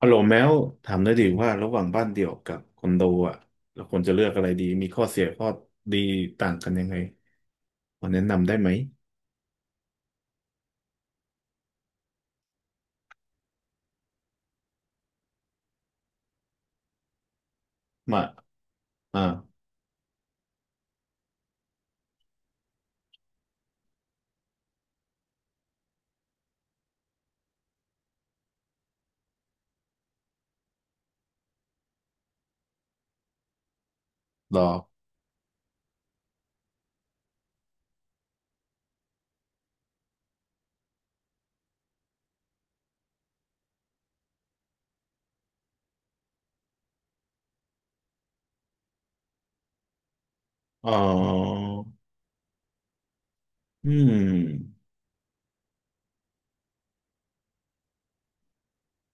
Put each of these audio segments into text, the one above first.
ฮัลโหลแมวถามได้ดีว่าระหว่างบ้านเดี่ยวกับคอนโดอ่ะเราควรจะเลือกอะไรดีมีข้อเสียข้อดีต่างกันยังไงมาแนะนำได้ไหมมาอ่ารออ๋ออืม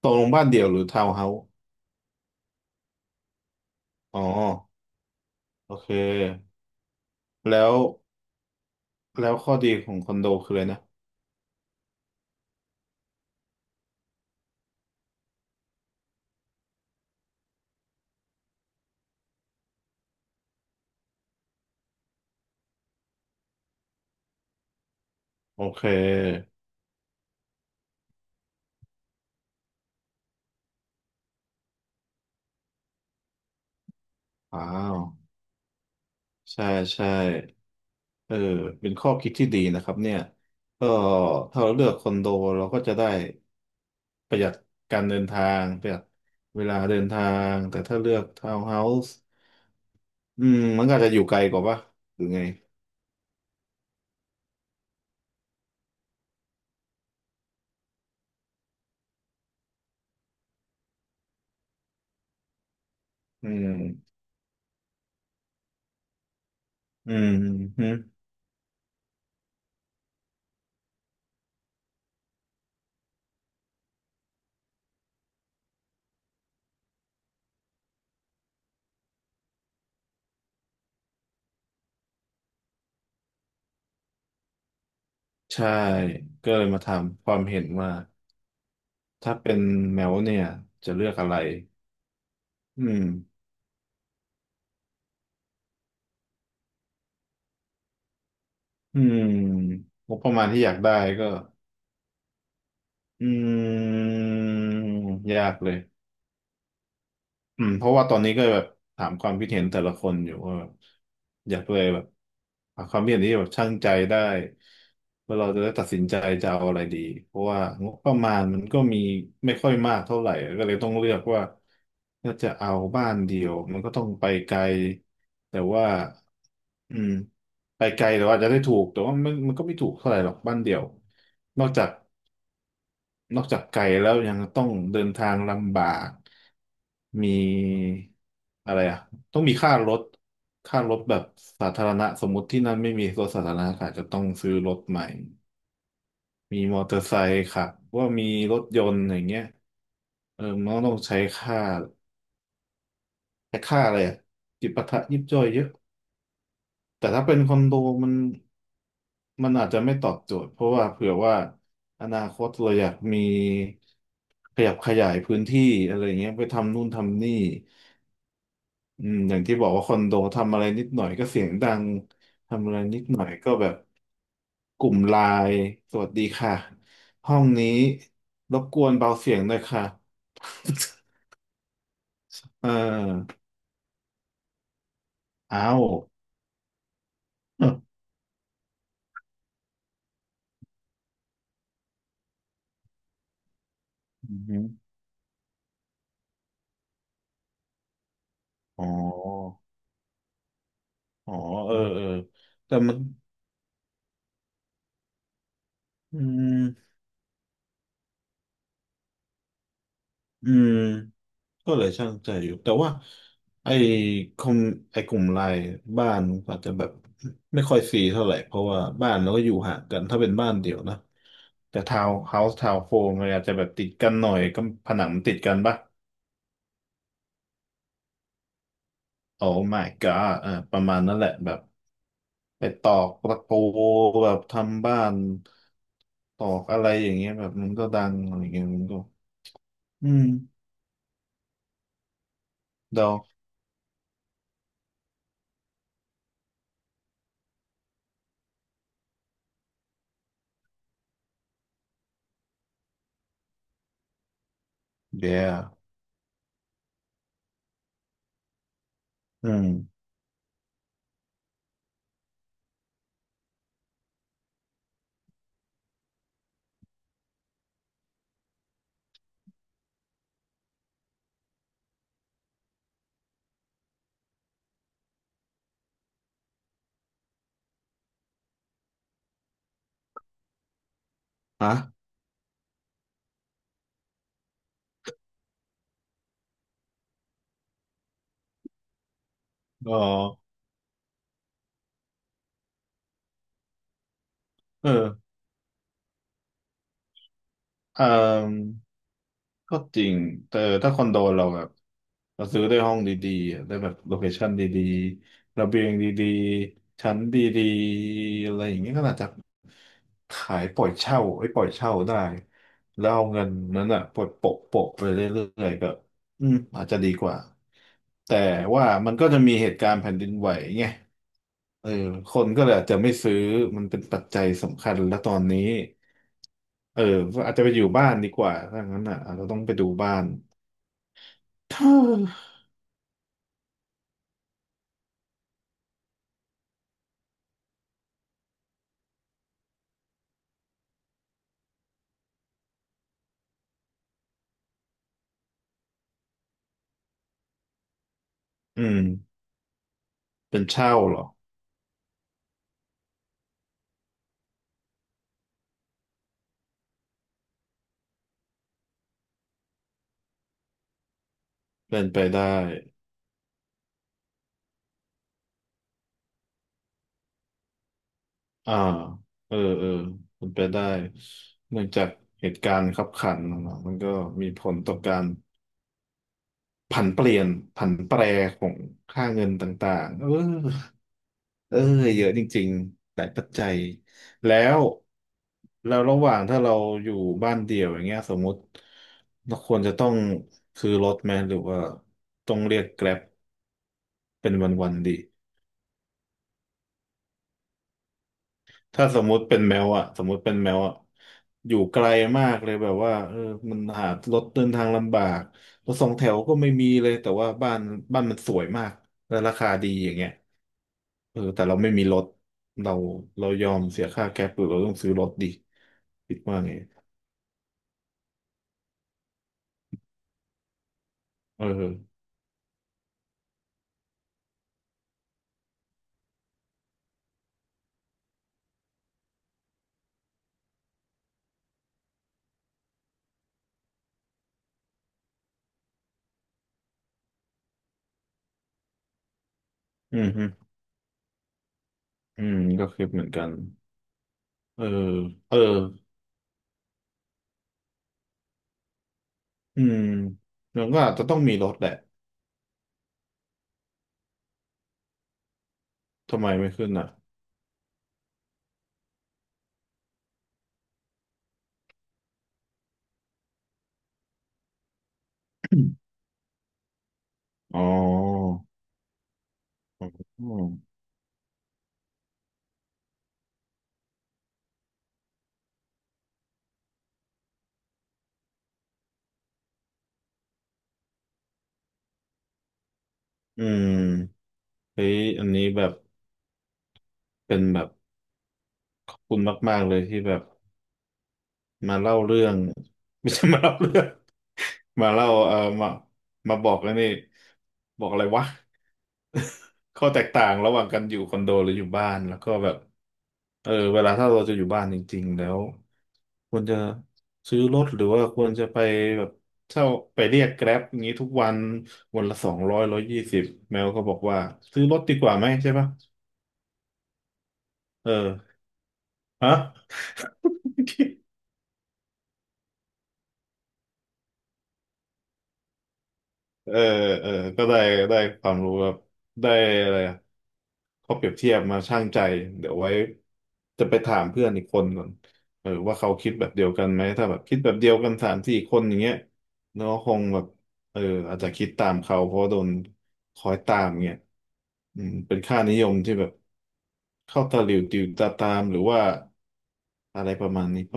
ตกลงบ้านเดี่ยวหรือทาวน์เฮาส์อ๋อโอเคแล้วข้อดีของคอนโดคืออะไรนะโอเคว้าวใช่ใช่เออเป็นข้อคิดที่ดีนะครับเนี่ยก็ถ้าเราเลือกคอนโดเราก็จะได้ ประหยัดการเดินทางประหยัดเวลาเดินทางแต่ถ้าเลือกทาวน์เฮาส์อืมมันก็อาจจะอยู่ไกลกว่าปะหรือไงอืมอืมฮึใช่ก็เลยมาถามความเห็นว่าถ้าเป็นแมวเนี่ยจะเลือกอะไรอืมอืมงบประมาณที่อยากได้ก็อืมยากเลย อืมเพราะว่าตอนนี้ก็แบบถามความคิดเห็นแต่ละคนอยู่ว่าแบบอยากเลยแบบหาความคิดเห็นที่แบบชั่งใจได้ว่าเราจะได้ตัดสินใจจะเอาอะไรดีเพราะว่างบประมาณมันก็มีไม่ค่อยมากเท่าไหร่ก็เลยต้องเลือกว่าถ้าจะเอาบ้านเดียวมันก็ต้องไปไกลแต่ว่าอืมไปไกลแต่ว่าจจะได้ถูกแต่ว่ามันก็ไม่ถูกเท่าไหร่หรอกบ้านเดียวนอกจาก นอกจากไกลแล้วยังต้องเดินทางลำบาก มีอะไรอ่ะต้องมีค่ารถแบบสาธารณะ สมมติที่นั่นไม่มีรถสาธารณะก็อาจจะต้องซื้อรถใหม่ มีมอเตอร์ไซค์ขับว่ามีรถยนต์อย่างเงี้ยเออมันก็ต้องใช้ค่าแต่ค่าอะไรอ่ะจิปาถะยิบย่อยเยอะ แต่ถ้าเป็นคอนโดมันมันอาจจะไม่ตอบโจทย์เพราะว่าเผื่อว่าอนาคตเราอยากมีขยับขยายพื้นที่อะไรเงี้ยไปทำนู่นทำนี่อืมอย่างที่บอกว่าคอนโดทำอะไรนิดหน่อยก็เสียงดังทำอะไรนิดหน่อยก็แบบกลุ่มไลน์สวัสดีค่ะห้องนี้รบกวนเบาเสียงหน่อยค่ะ เอออ้า วอือหืออ๋ออ๋อเออเออแต่มัน อืมอืมก็เลยช่างใจอยู่แต่ว่าไอ้คอมไอ้กลุ่มไลน์บ้านอาจจะแบบไม่ค่อยซีเท่าไหร่เพราะว่าบ้านเราก็อยู่ห่างกันถ้าเป็นบ้านเดี่ยวนะแต่ทาวน์เฮาส์ทาวน์โฮมมันอาจจะแบบติดกันหน่อยก็ผนังมันติดกันปะโอ้ my god อ่าประมาณนั้นแหละแบบไปตอกตะปูแบบทำบ้านตอกอะไรอย่างเงี้ยแบบมันก็ดังอะไรเงี้ยมันก็อืมเดาเดียอืมอ่ะ อ๋อเอออ่าก็จริงแต่ถ้าคอนโดเราแบบเราซื้อได้ห้องดีๆอะได้แบบโลเคชั่นดีๆระเบียงดีๆชั้นดีๆอะไรอย่างเงี้ยก็น่าจะขายปล่อยเช่าไอ้ยปล่อยเช่าได้แล้วเอาเงินนั้นอ่ะปล่อยโปะไปเรื่อยๆก็ อืมอาจจะดีกว่า แต่ว่ามันก็จะมีเหตุการณ์แผ่นดินไหวไงเออคนก็เลยอาจจะไม่ซื้อ มันเป็นปัจจัยสำคัญแล้วตอนนี้เออก็อาจจะไปอยู่บ้านดีกว่าถ้างั้นอ่ะเราจจะต้องไปดูบ้านอืมเป็นเช่าเหรอ เป็นไปได้อ่าเออเออเป็นไปได้เนื่องจากเหตุการณ์คับขันอะเนาะมันก็มีผลต่อการ ผันเปลี่ยนผันแปรของค่าเงินต่างๆเออเออเยอะจริงๆหลายปัจจัย แล้ว ระหว่างถ้าเราอยู่บ้านเดี่ยวอย่างเงี้ยสมมุติเราควรจะต้องซื้อรถไหมหรือว่าต้องเรียกแกร็บเป็นวันๆดี ถ้าสมมุติเป็นแมวอะสมมุติเป็นแมวอะอยู่ไกลมากเลยแบบว่าเออมันหารถเดินทางลำบากรถสองแถวก็ไม่มีเลย แต่ว่าบ้านมันสวยมาก และราคาดีอย่างเงี้ยเออแต่เราไม่มีรถ เรา เรายอมเสียค่าแก๊ปหรือเราต้องซื้อรถดีคิดว่าไง เอออืมฮึอืมก็คิดเหมือนกัน เออเอออืมมันก็อาจจะต้องมีรถแหละทำไมไม่ขึ้นอ่ะ อ๋ออืม เฮ้ยอันนี้แบบเป็นแบบขอบคุณมากๆเลยที่แบบมาเล่าเรื่อง ไม่ใช่มาเล่าเรื่อง มาเล่าเออมามาบอกแล้วนี่บอกอะไรวะข้อแตกต่างระหว่างกันอยู่คอนโดหรืออยู่บ้านแล้วก็แบบเออเวลาถ้าเราจะอยู่บ้านจริงๆแล้วควรจะซื้อรถหรือว่าควรจะไปแบบเช่าไปเรียกแกร็บอย่างนี้ทุกวันวันละ200120แมวก็บอกว่าซื้อรถดีกว่าไหมใช่ปะเออฮะ เออเออก็ได้ได้ความรู้แบบได้อะไรอะข้อเปรียบเทียบมาชั่งใจเดี๋ยวไว้จะไปถามเพื่อนอีกคนก่อนเออว่าเขาคิดแบบเดียวกันไหมถ้าแบบคิดแบบเดียวกัน3-4คนอย่างเงี้ยเนาะคงแบบเอออาจจะคิดตามเขาเพราะโดนคอยตามเงี้ยอืมเป็นค่านิยมที่แบบเข้าตาหลิวติวตาตามหรือว่าอะไรประมาณนี้ไป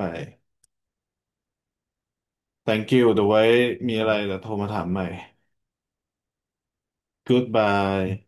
Thank you เดี๋ยวไว้มีอะไรเดี๋ยวโทรมาถามใหม่ Goodbye